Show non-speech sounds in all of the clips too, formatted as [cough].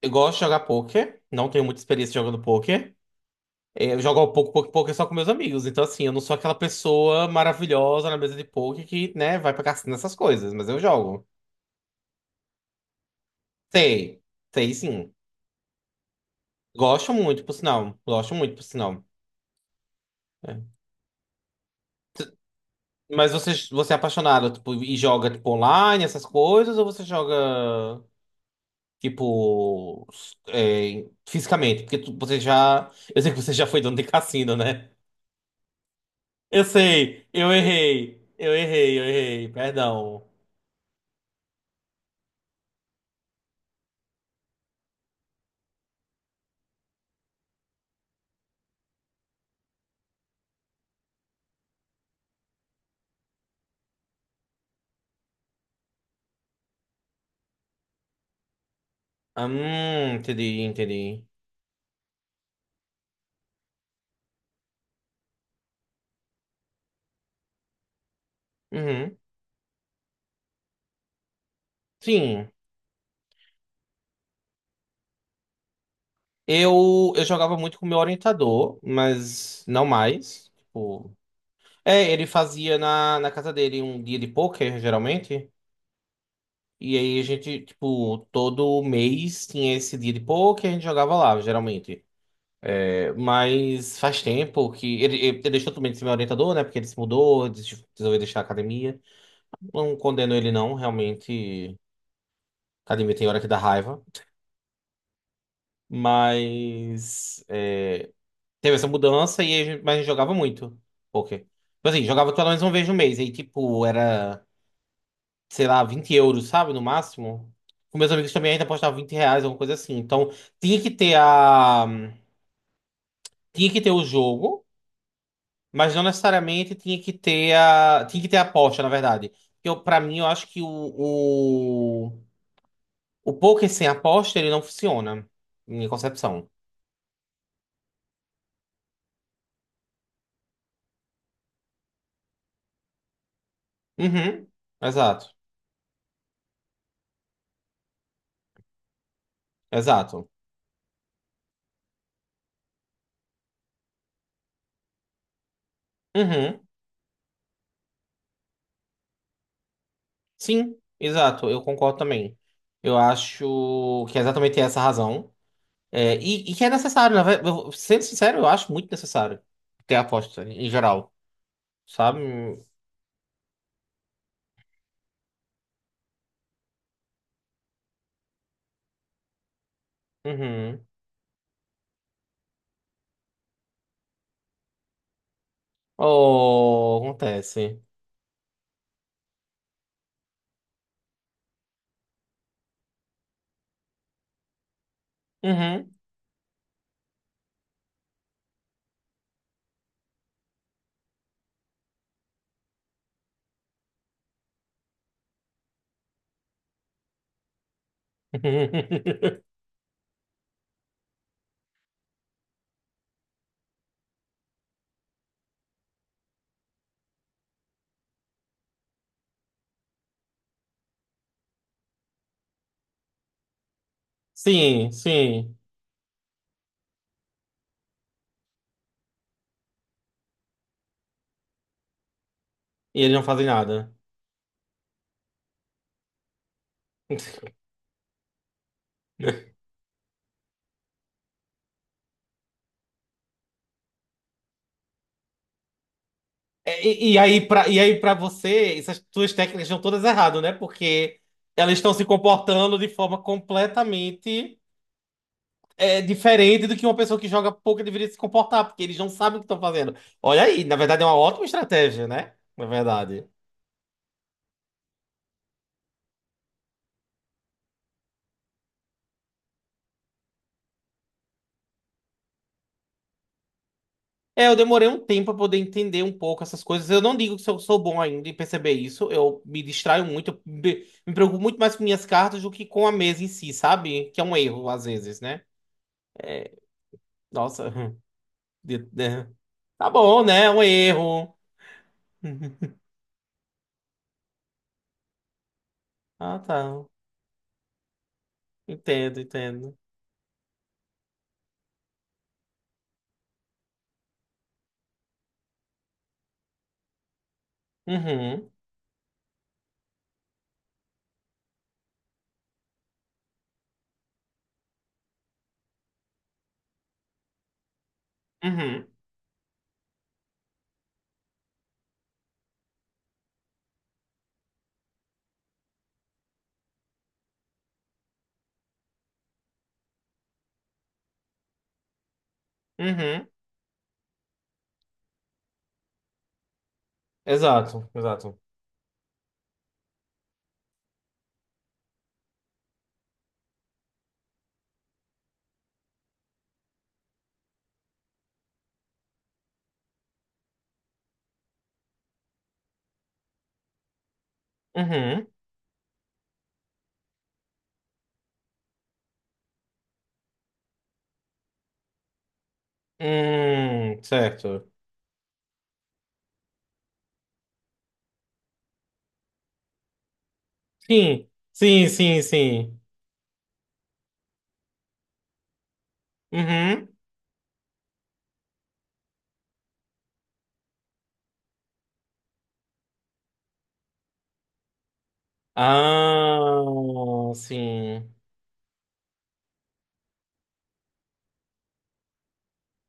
Eu gosto de jogar poker, não tenho muita experiência jogando poker. Eu jogo pouco poker só com meus amigos. Então, assim, eu não sou aquela pessoa maravilhosa na mesa de poker que, né, vai pra cassino essas coisas, mas eu jogo. Sei, sei sim. Gosto muito, por sinal. Gosto muito, por sinal. É. Mas você é apaixonado, tipo, e joga, tipo, online, essas coisas, ou você joga, tipo, fisicamente? Você já. Eu sei que você já foi dono de cassino, né? Eu sei, eu errei. Eu errei, perdão. Ah, entendi, entendi. Uhum. Sim, eu jogava muito com o meu orientador, mas não mais. Tipo, ele fazia na casa dele um dia de pôquer, geralmente. E aí a gente, tipo, todo mês tinha esse dia de pôquer, a gente jogava lá, geralmente. Mas faz tempo que. Ele deixou também de ser meu orientador, né? Porque ele se mudou, resolveu deixar a academia. Não condeno ele, não, realmente. Academia tem hora que dá raiva. Mas é, teve essa mudança e mas a gente jogava muito poker. Tipo assim, jogava pelo menos uma vez no mês. Aí, tipo, era, sei lá, 20 euros, sabe? No máximo. Com meus amigos também ainda apostava R$ 20, alguma coisa assim. Então, tinha que ter a. Tinha que ter o jogo, mas não necessariamente tinha que ter a. Tinha que ter a aposta, na verdade. Porque eu, pra mim, eu acho que o- O poker sem aposta, ele não funciona. Minha concepção. Uhum. Exato. Exato. Uhum. Sim, exato. Eu concordo também. Eu acho que é exatamente essa a razão. É, e que é necessário, na verdade. Sendo sincero, eu acho muito necessário ter aposta, em geral. Sabe? Uhum. Oh, acontece. Uhum. [laughs] Sim, sim. E eles não fazem nada. [laughs] É, e aí, e aí, pra você, essas suas técnicas estão todas erradas, né? Porque elas estão se comportando de forma completamente diferente do que uma pessoa que joga poker deveria se comportar, porque eles não sabem o que estão fazendo. Olha aí, na verdade é uma ótima estratégia, né? Na verdade. É, eu demorei um tempo para poder entender um pouco essas coisas. Eu não digo que eu sou bom ainda em perceber isso. Eu me distraio muito, eu me preocupo muito mais com minhas cartas do que com a mesa em si, sabe? Que é um erro, às vezes, né? É, nossa. De- de- Tá bom, né? É um erro. [laughs] Ah, tá. Entendo, entendo. Uhum, uhum, uhum. Exato, exato. Uhum. Certo. Sim, sim, sim, sim. Uhum. Ah, sim.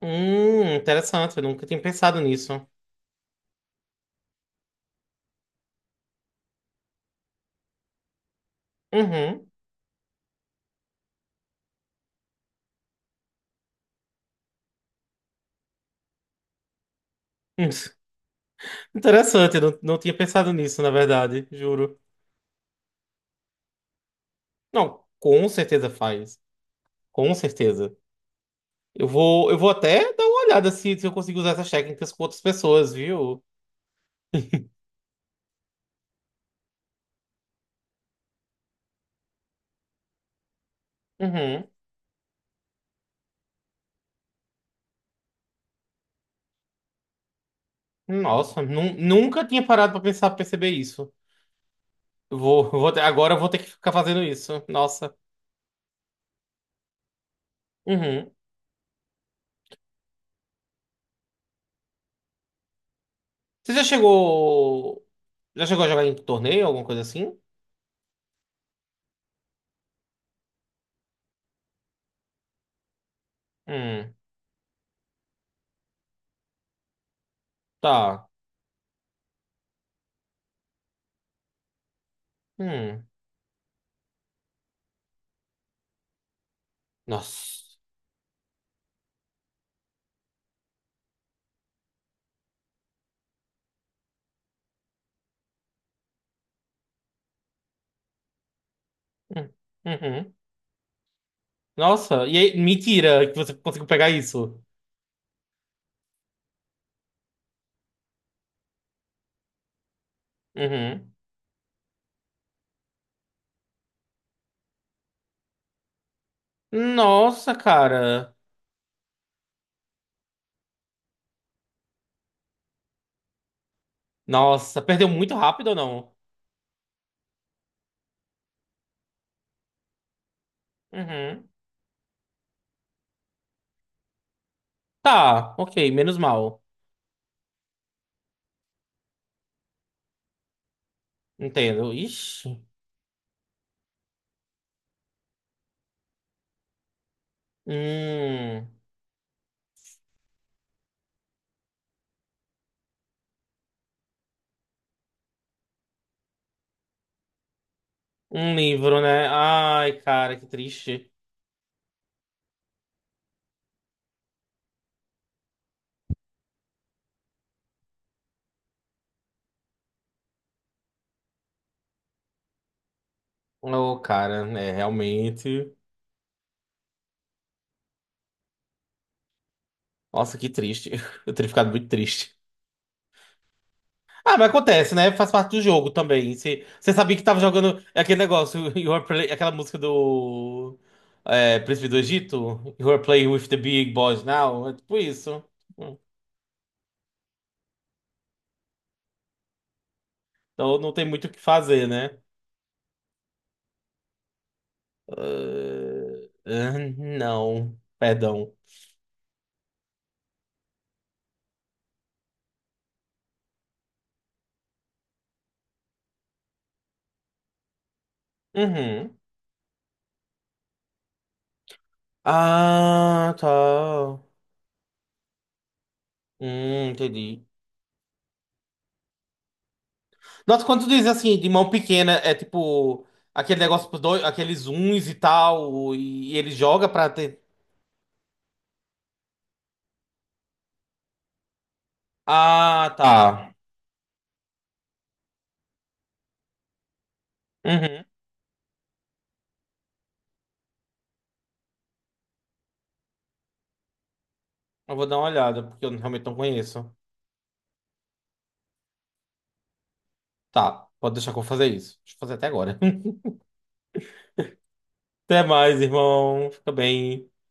Interessante. Eu nunca tinha pensado nisso. Uhum. Hum, [laughs] Interessante, eu não tinha pensado nisso, na verdade, juro. Não, com certeza faz. Com certeza. Eu vou até dar uma olhada se eu consigo usar essas técnicas com outras pessoas, viu? Uhum. Nossa, nunca tinha parado pra pensar, pra perceber isso. Eu vou agora eu vou ter que ficar fazendo isso. Nossa. Uhum. Você já chegou, já chegou a jogar em torneio, alguma coisa assim? Hum, tá. Hum, nossa. Hum, Uhum. Nossa, e aí, mentira que você conseguiu pegar isso. Uhum. Nossa, cara. Nossa, perdeu muito rápido ou não? Uhum. Tá, ok, menos mal. Entendo. Ixi. Hum, um livro, né? Ai, cara, que triste. Ô, cara, né? Realmente. Nossa, que triste. [laughs] Eu teria ficado muito triste. Ah, mas acontece, né? Faz parte do jogo também. Você sabia que tava jogando aquele negócio, [laughs] aquela música do Príncipe do Egito? You are playing with the big boys now. É tipo isso. Hum, Então não tem muito o que fazer, né? Ah, não. Perdão. Uhum. Ah, tá. Entendi. Nossa, quando tu diz assim, de mão pequena, é tipo aquele negócio pros dois, aqueles uns e tal, e, ele joga pra ter. Ah, tá. Uhum. Eu vou dar uma olhada, porque eu realmente não conheço. Tá, pode deixar que eu vou fazer isso. Deixa eu fazer até agora. [laughs] Até mais, irmão. Fica bem.